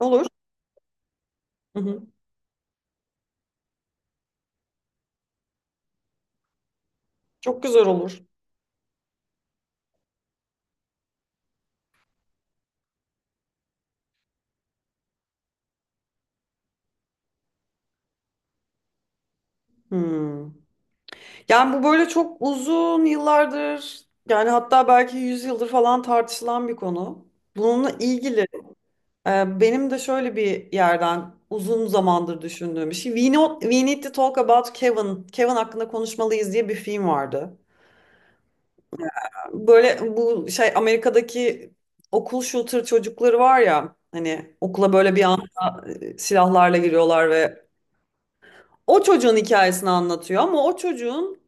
Olur. Hı hı. Çok güzel olur. Hmm. Yani bu böyle çok uzun yıllardır, yani hatta belki yüzyıldır falan tartışılan bir konu. Bununla ilgili benim de şöyle bir yerden uzun zamandır düşündüğüm bir şey. We Need to Talk About Kevin. Kevin hakkında konuşmalıyız diye bir film vardı. Böyle bu şey Amerika'daki okul shooter çocukları var ya, hani okula böyle bir anda silahlarla giriyorlar ve o çocuğun hikayesini anlatıyor, ama o çocuğun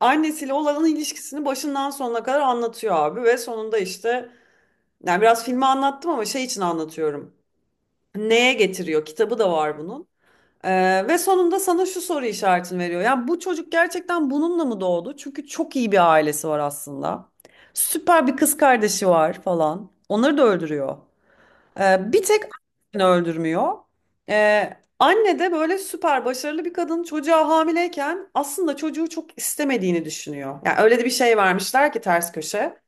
annesiyle olan ilişkisini başından sonuna kadar anlatıyor abi. Ve sonunda işte, yani biraz filmi anlattım ama şey için anlatıyorum. Neye getiriyor? Kitabı da var bunun. Ve sonunda sana şu soru işaretini veriyor. Yani bu çocuk gerçekten bununla mı doğdu? Çünkü çok iyi bir ailesi var aslında. Süper bir kız kardeşi var falan. Onları da öldürüyor. Bir tek annesini öldürmüyor. Anne de böyle süper başarılı bir kadın, çocuğa hamileyken aslında çocuğu çok istemediğini düşünüyor. Yani öyle de bir şey vermişler ki, ters köşe.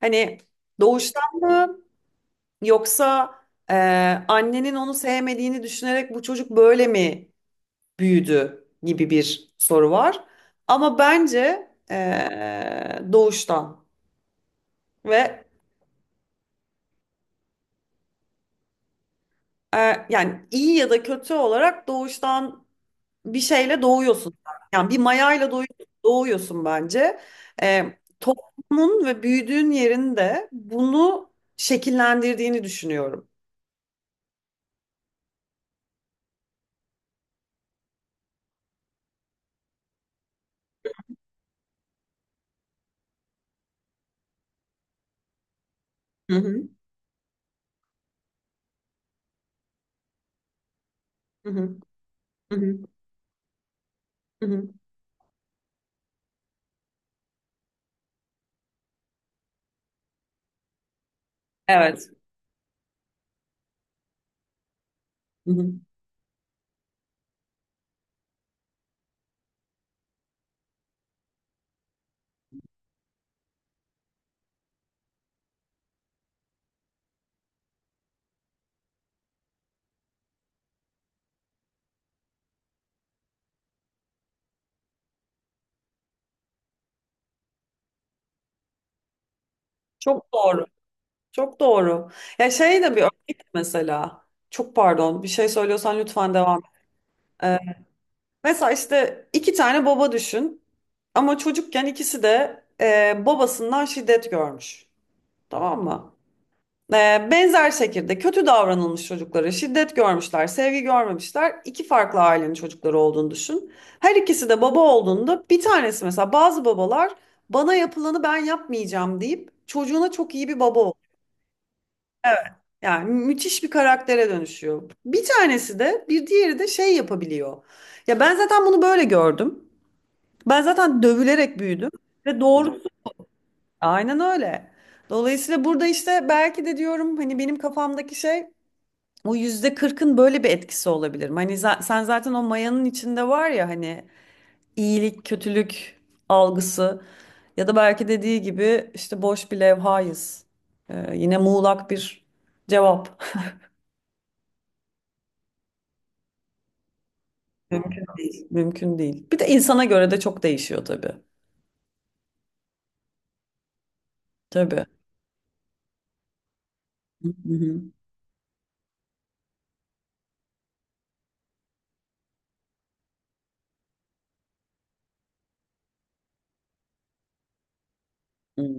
Hani doğuştan mı, yoksa e, annenin onu sevmediğini düşünerek bu çocuk böyle mi büyüdü gibi bir soru var. Ama bence doğuştan. Ve e, yani iyi ya da kötü olarak doğuştan bir şeyle doğuyorsun. Yani bir mayayla doğuyorsun, doğuyorsun bence. Toplumun ve büyüdüğün yerin de bunu şekillendirdiğini düşünüyorum. Hı hı, hı hı, hı hı, hı hı. Evet. Hı hı. Çok doğru. Çok doğru. Ya şey de bir örnek mesela. Çok pardon, bir şey söylüyorsan lütfen devam et. Ee, mesela işte iki tane baba düşün. Ama çocukken ikisi de babasından şiddet görmüş. Tamam mı? Benzer şekilde kötü davranılmış çocuklara, şiddet görmüşler, sevgi görmemişler. İki farklı ailenin çocukları olduğunu düşün. Her ikisi de baba olduğunda, bir tanesi mesela, bazı babalar bana yapılanı ben yapmayacağım deyip çocuğuna çok iyi bir baba oluyor. Evet. Yani müthiş bir karaktere dönüşüyor. Bir tanesi de, bir diğeri de şey yapabiliyor. Ya ben zaten bunu böyle gördüm. Ben zaten dövülerek büyüdüm ve doğrusu aynen öyle. Dolayısıyla burada işte belki de diyorum, hani benim kafamdaki şey, o %40'ın böyle bir etkisi olabilir mi? Hani sen zaten o mayanın içinde var ya, hani iyilik, kötülük algısı, ya da belki dediği gibi işte boş bir levhayız. Yine muğlak bir cevap. Mümkün değil. Mümkün değil. Bir de insana göre de çok değişiyor tabii. Tabii. Hı hı. Hı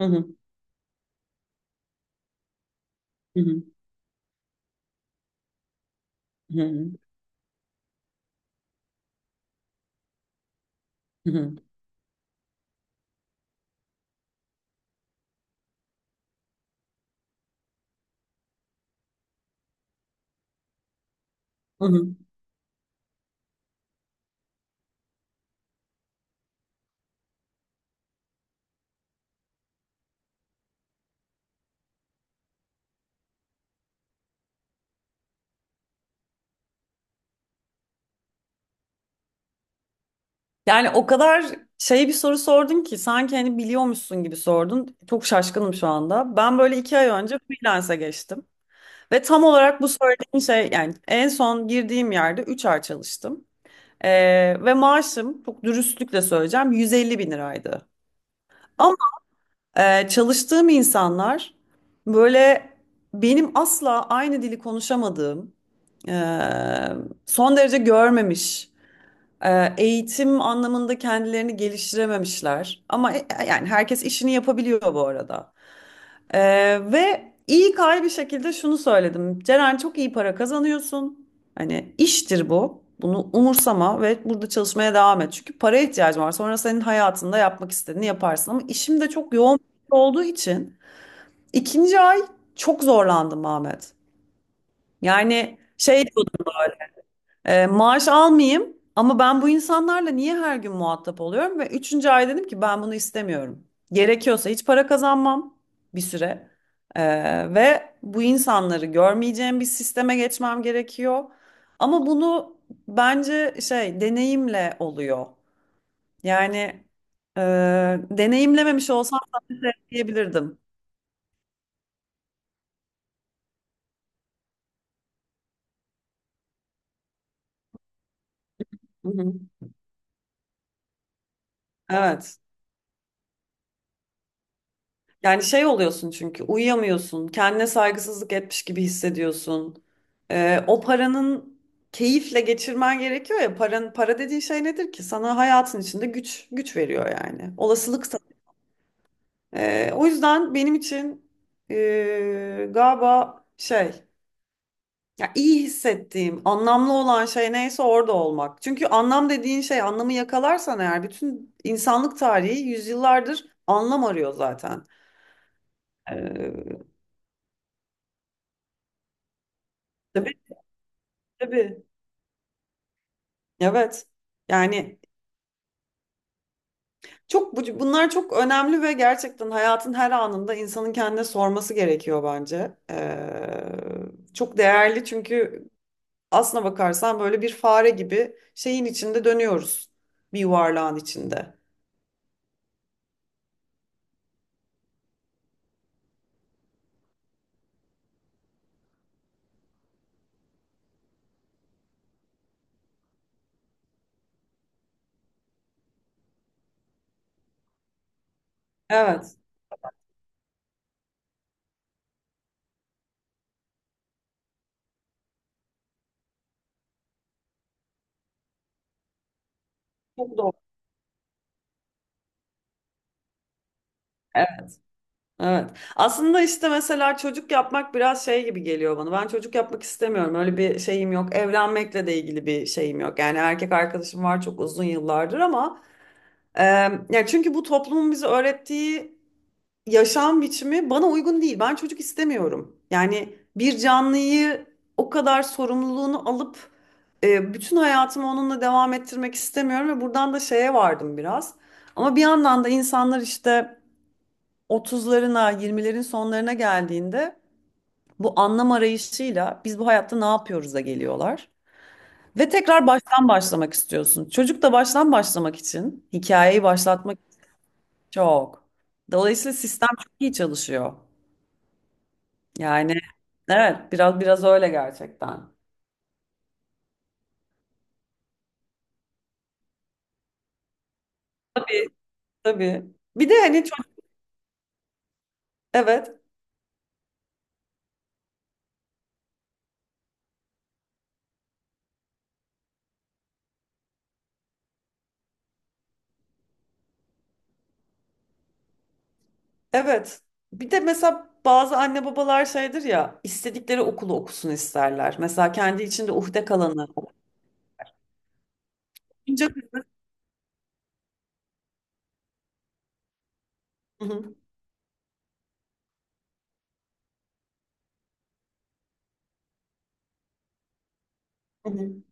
hı. Hı hı. Hı hı. Hı hı. Hı hı. Yani o kadar şey bir soru sordun ki, sanki hani biliyormuşsun gibi sordun. Çok şaşkınım şu anda. Ben böyle 2 ay önce freelance'e geçtim. Ve tam olarak bu söylediğin şey, yani en son girdiğim yerde 3 ay çalıştım. Ve maaşım, çok dürüstlükle söyleyeceğim, 150 bin liraydı. Ama çalıştığım insanlar böyle benim asla aynı dili konuşamadığım, e, son derece görmemiş, eğitim anlamında kendilerini geliştirememişler. Ama yani herkes işini yapabiliyor bu arada. Ve iyi kay bir şekilde şunu söyledim. Ceren, çok iyi para kazanıyorsun. Hani iştir bu. Bunu umursama ve burada çalışmaya devam et. Çünkü paraya ihtiyacın var. Sonra senin hayatında yapmak istediğini yaparsın. Ama işim de çok yoğun olduğu için ikinci ay çok zorlandım Ahmet. Yani şey, maaş almayayım ama ben bu insanlarla niye her gün muhatap oluyorum? Ve üçüncü ay dedim ki, ben bunu istemiyorum. Gerekiyorsa hiç para kazanmam bir süre. Ve bu insanları görmeyeceğim bir sisteme geçmem gerekiyor. Ama bunu bence şey, deneyimle oluyor. Yani e, deneyimlememiş olsam zaten şey diyebilirdim. Hı hı. Evet. Yani şey oluyorsun, çünkü uyuyamıyorsun, kendine saygısızlık etmiş gibi hissediyorsun. O paranın keyifle geçirmen gerekiyor ya. Paran, para dediğin şey nedir ki? Sana hayatın içinde güç güç veriyor yani. Olasılık. O yüzden benim için, galiba şey, ya iyi hissettiğim, anlamlı olan şey neyse orada olmak. Çünkü anlam dediğin şey, anlamı yakalarsan eğer, bütün insanlık tarihi yüzyıllardır anlam arıyor zaten. Ee, tabii tabii. Evet. Yani çok bunlar çok önemli ve gerçekten hayatın her anında insanın kendine sorması gerekiyor bence. Çok değerli, çünkü aslına bakarsan böyle bir fare gibi şeyin içinde dönüyoruz. Bir yuvarlağın içinde. Evet. Çok doğru. Evet. Aslında işte mesela çocuk yapmak biraz şey gibi geliyor bana. Ben çocuk yapmak istemiyorum. Öyle bir şeyim yok. Evlenmekle de ilgili bir şeyim yok. Yani erkek arkadaşım var çok uzun yıllardır, ama e, ya çünkü bu toplumun bize öğrettiği yaşam biçimi bana uygun değil. Ben çocuk istemiyorum. Yani bir canlıyı o kadar sorumluluğunu alıp bütün hayatımı onunla devam ettirmek istemiyorum ve buradan da şeye vardım biraz. Ama bir yandan da insanlar işte 30'larına, 20'lerin sonlarına geldiğinde, bu anlam arayışıyla biz bu hayatta ne yapıyoruz'a geliyorlar. Ve tekrar baştan başlamak istiyorsun. Çocuk da baştan başlamak için hikayeyi başlatmak, çok. Dolayısıyla sistem çok iyi çalışıyor. Yani evet, biraz biraz öyle gerçekten. Tabii tabii. Bir de hani çok, evet evet. Bir de mesela bazı anne babalar şeydir ya, istedikleri okulu okusun isterler. Mesela kendi içinde uhde kalanı. Okuyunca. Hı hı. Hani.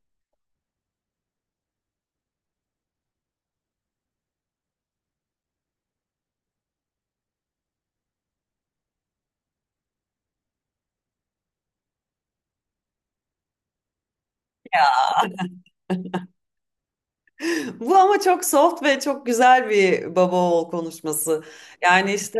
Bu ama çok soft ve çok güzel bir baba oğul konuşması. Yani işte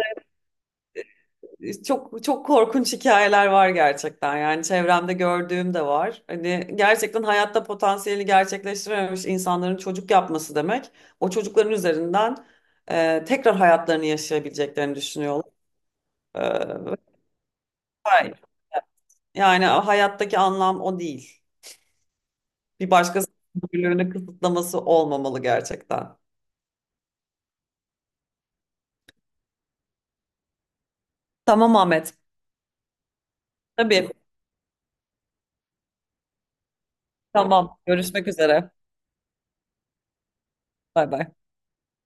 çok çok korkunç hikayeler var gerçekten. Yani çevremde gördüğüm de var. Hani gerçekten hayatta potansiyeli gerçekleştirememiş insanların çocuk yapması demek. O çocukların üzerinden tekrar hayatlarını yaşayabileceklerini düşünüyorlar. E, ve hayır. Yani hayattaki anlam o değil. Bir başkasının özgürlüğünü kısıtlaması olmamalı gerçekten. Tamam Ahmet. Tabii. Tamam. Görüşmek üzere. Bay bay.